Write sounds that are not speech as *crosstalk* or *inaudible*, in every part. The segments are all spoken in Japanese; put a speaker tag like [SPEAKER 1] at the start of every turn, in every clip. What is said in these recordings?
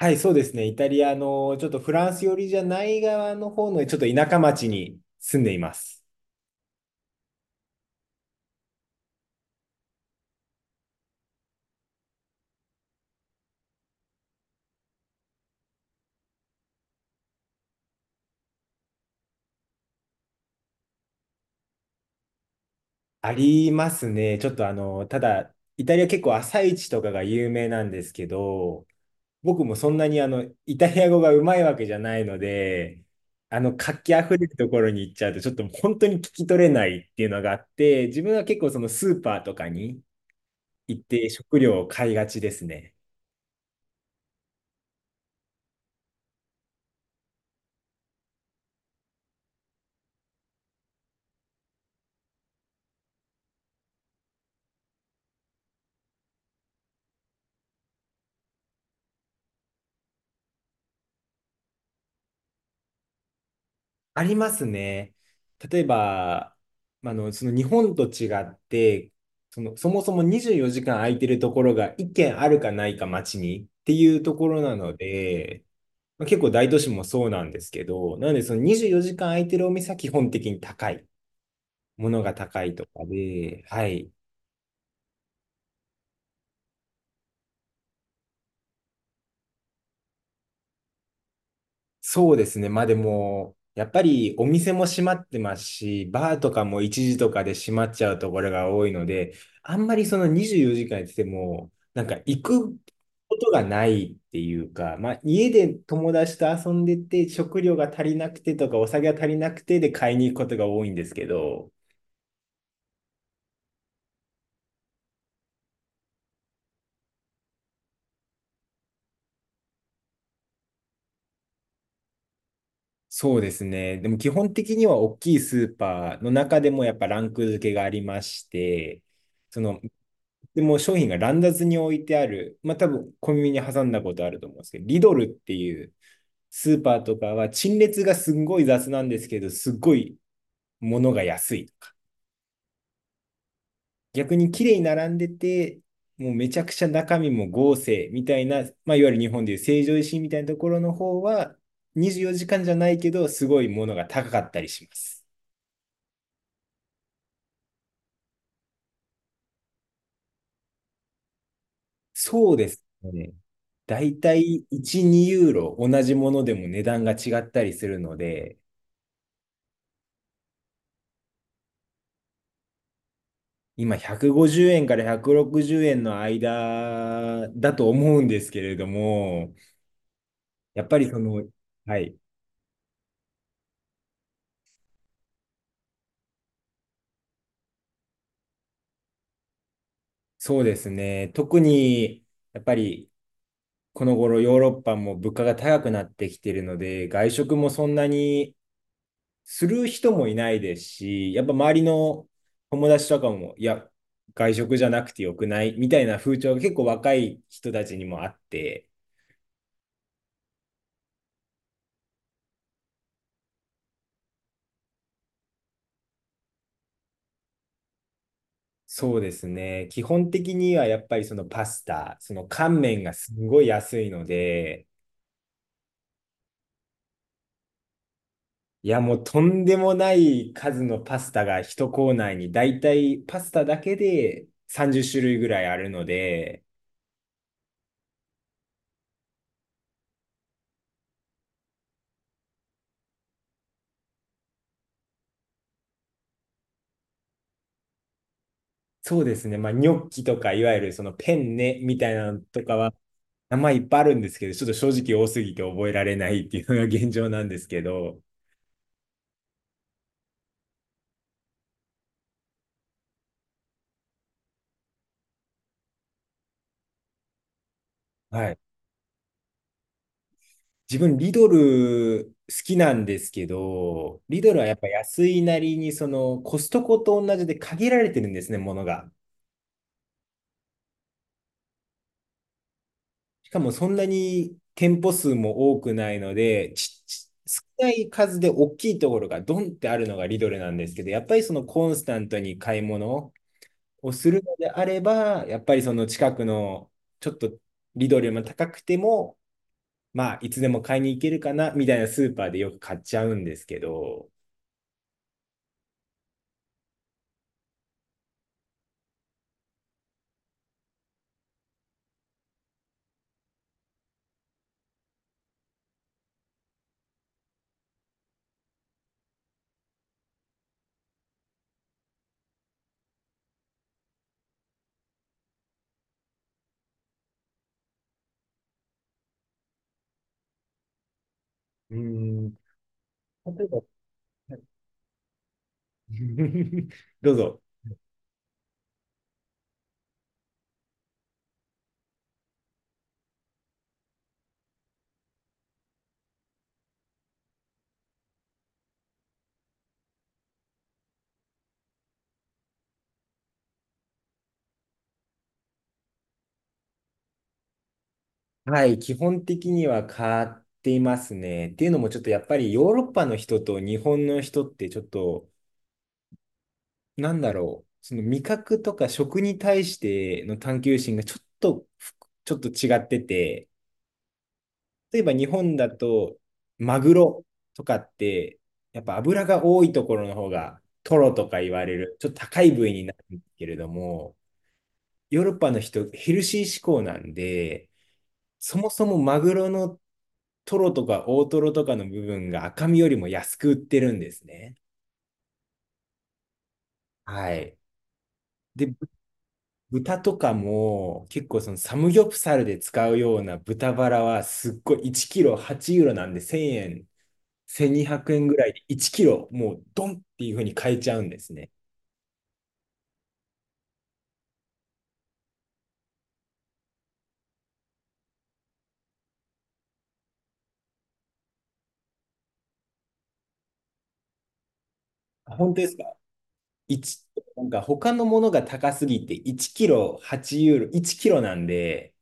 [SPEAKER 1] はい、そうですね。イタリアの、ちょっとフランス寄りじゃない側の方の、ちょっと田舎町に住んでいます。ありますね。ちょっとただ、イタリア結構朝市とかが有名なんですけど、僕もそんなにイタリア語がうまいわけじゃないので、活気あふれるところに行っちゃうと、ちょっと本当に聞き取れないっていうのがあって、自分は結構そのスーパーとかに行って食料を買いがちですね。ありますね。例えば、その日本と違って、そもそも24時間空いてるところが1軒あるかないか街にっていうところなので、まあ、結構大都市もそうなんですけど、なのでその24時間空いてるお店は基本的にものが高いとかで、はい。そうですね。まあでも、やっぱりお店も閉まってますし、バーとかも一時とかで閉まっちゃうところが多いので、あんまりその24時間やってても、なんか行くことがないっていうか、まあ家で友達と遊んでて、食料が足りなくてとか、お酒が足りなくてで買いに行くことが多いんですけど、そうですね。でも基本的には大きいスーパーの中でもやっぱランク付けがありまして、そのでもう商品が乱雑に置いてある、まあ多分コンビニに挟んだことあると思うんですけど、リドルっていうスーパーとかは陳列がすごい雑なんですけど、すごい物が安いとか。逆に綺麗に並んでて、もうめちゃくちゃ中身も豪勢みたいな、まあ、いわゆる日本でいう成城石井みたいなところの方は、24時間じかんじゃないけど、すごいものが高かったりします。そうですね。だいたい1、2ユーロ同じものでも値段が違ったりするので、今150円から160円の間だと思うんですけれども、やっぱりその、はい、そうですね。特に、やっぱりこの頃ヨーロッパも物価が高くなってきているので、外食もそんなにする人もいないですし、やっぱ周りの友達とかも、いや、外食じゃなくてよくないみたいな風潮が結構若い人たちにもあって、そうですね。基本的にはやっぱりそのパスタ、その乾麺がすごい安いので、いやもうとんでもない数のパスタが一コーナーにだいたいパスタだけで30種類ぐらいあるので、そうですね。まあニョッキとかいわゆるそのペンネみたいなのとかは名前いっぱいあるんですけど、ちょっと正直多すぎて覚えられないっていうのが現状なんですけど、はい。自分、リドル好きなんですけど、リドルはやっぱ安いなりに、そのコストコと同じで限られてるんですね、ものが。しかもそんなに店舗数も多くないので、少ない数で大きいところがドンってあるのがリドルなんですけど、やっぱりそのコンスタントに買い物をするのであれば、やっぱりその近くのちょっとリドルよりも高くても、まあ、いつでも買いに行けるかな、みたいなスーパーでよく買っちゃうんですけど、うーん例えば、はい。 *laughs* どうぞ。はい、基本的には買っていますね。っていうのも、ちょっとやっぱりヨーロッパの人と日本の人って、ちょっと、なんだろう、その味覚とか食に対しての探求心がちょっと違ってて、例えば日本だと、マグロとかって、やっぱ脂が多いところの方が、トロとか言われる、ちょっと高い部位になるんですけれども、ヨーロッパの人、ヘルシー志向なんで、そもそもマグロのトロとか大トロとかの部分が赤身よりも安く売ってるんですね。はい。で、豚とかも結構そのサムギョプサルで使うような豚バラはすっごい1キロ8ユーロなんで1000円、1200円ぐらいで1キロもうドンっていう風に買えちゃうんですね。あ、本当ですか？一なんか他のものが高すぎて1キロ8ユーロ、1キロなんで、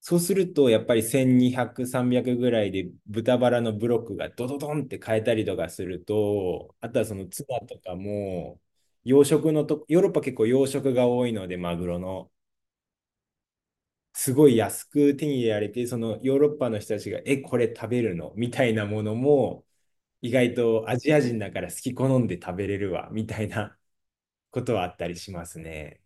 [SPEAKER 1] そうすると、やっぱり1200、300ぐらいで豚バラのブロックがドドドンって変えたりとかすると、あとはそのツナとかも、養殖のと、ヨーロッパ結構養殖が多いので、マグロの、すごい安く手に入れられて、そのヨーロッパの人たちが、え、これ食べるのみたいなものも、意外とアジア人だから好き好んで食べれるわ、みたいなことはあったりしますね。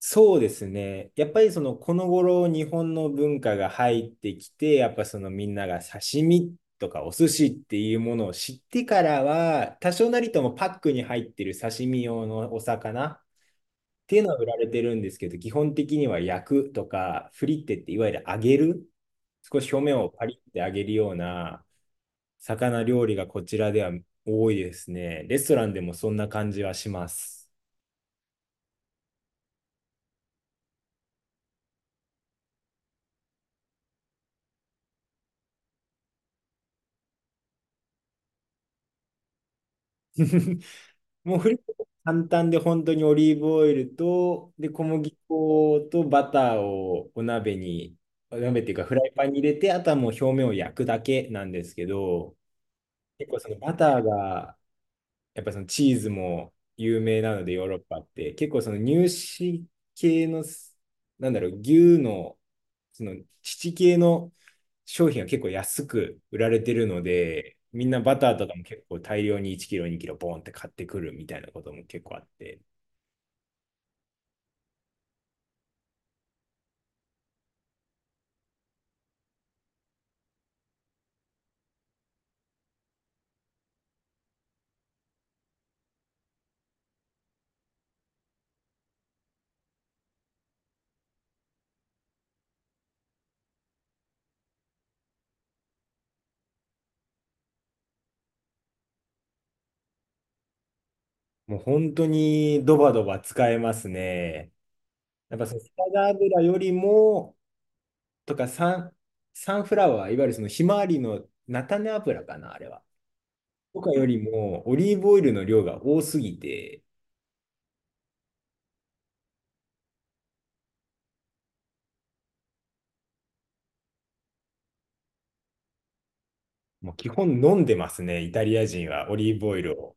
[SPEAKER 1] そうですね。やっぱりその、この頃日本の文化が入ってきて、やっぱそのみんなが刺身とかお寿司っていうものを知ってからは、多少なりともパックに入ってる刺身用のお魚っていうのは売られてるんですけど、基本的には焼くとか、フリッテっていわゆる揚げる、少し表面をパリッて揚げるような魚料理がこちらでは多いですね。レストランでもそんな感じはします。*laughs* もうフリット簡単で本当にオリーブオイルと、で、小麦粉とバターをお鍋に、お鍋っていうかフライパンに入れて、あとはもう表面を焼くだけなんですけど、結構そのバターがやっぱそのチーズも有名なのでヨーロッパって結構その乳脂系のなんだろう、牛のその乳系の商品は結構安く売られてるので、みんなバターとかも結構大量に1キロ2キロボンって買ってくるみたいなことも結構あって、もう本当にドバドバ使えますね。やっぱそのサラダ油よりもとか、サンフラワーいわゆるそのひまわりの菜種油かなあれは、とかよりも、オリーブオイルの量が多すぎて、もう基本飲んでますね、イタリア人はオリーブオイルを。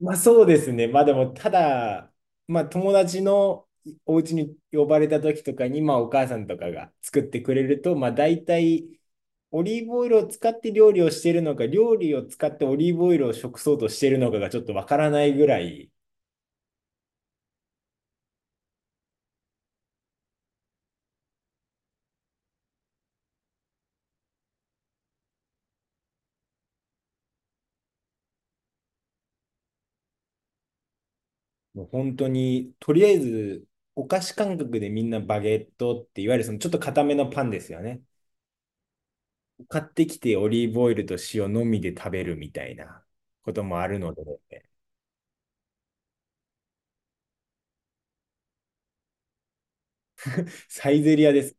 [SPEAKER 1] まあそうですね、まあでも、ただ、まあ友達のお家に呼ばれた時とかに、まあお母さんとかが作ってくれると、まあ大体、オリーブオイルを使って料理をしているのか、料理を使ってオリーブオイルを食そうとしているのかがちょっとわからないぐらい、もう本当に、とりあえず、お菓子感覚でみんなバゲットって、いわゆるそのちょっと固めのパンですよね。買ってきてオリーブオイルと塩のみで食べるみたいなこともあるので、サイゼリアで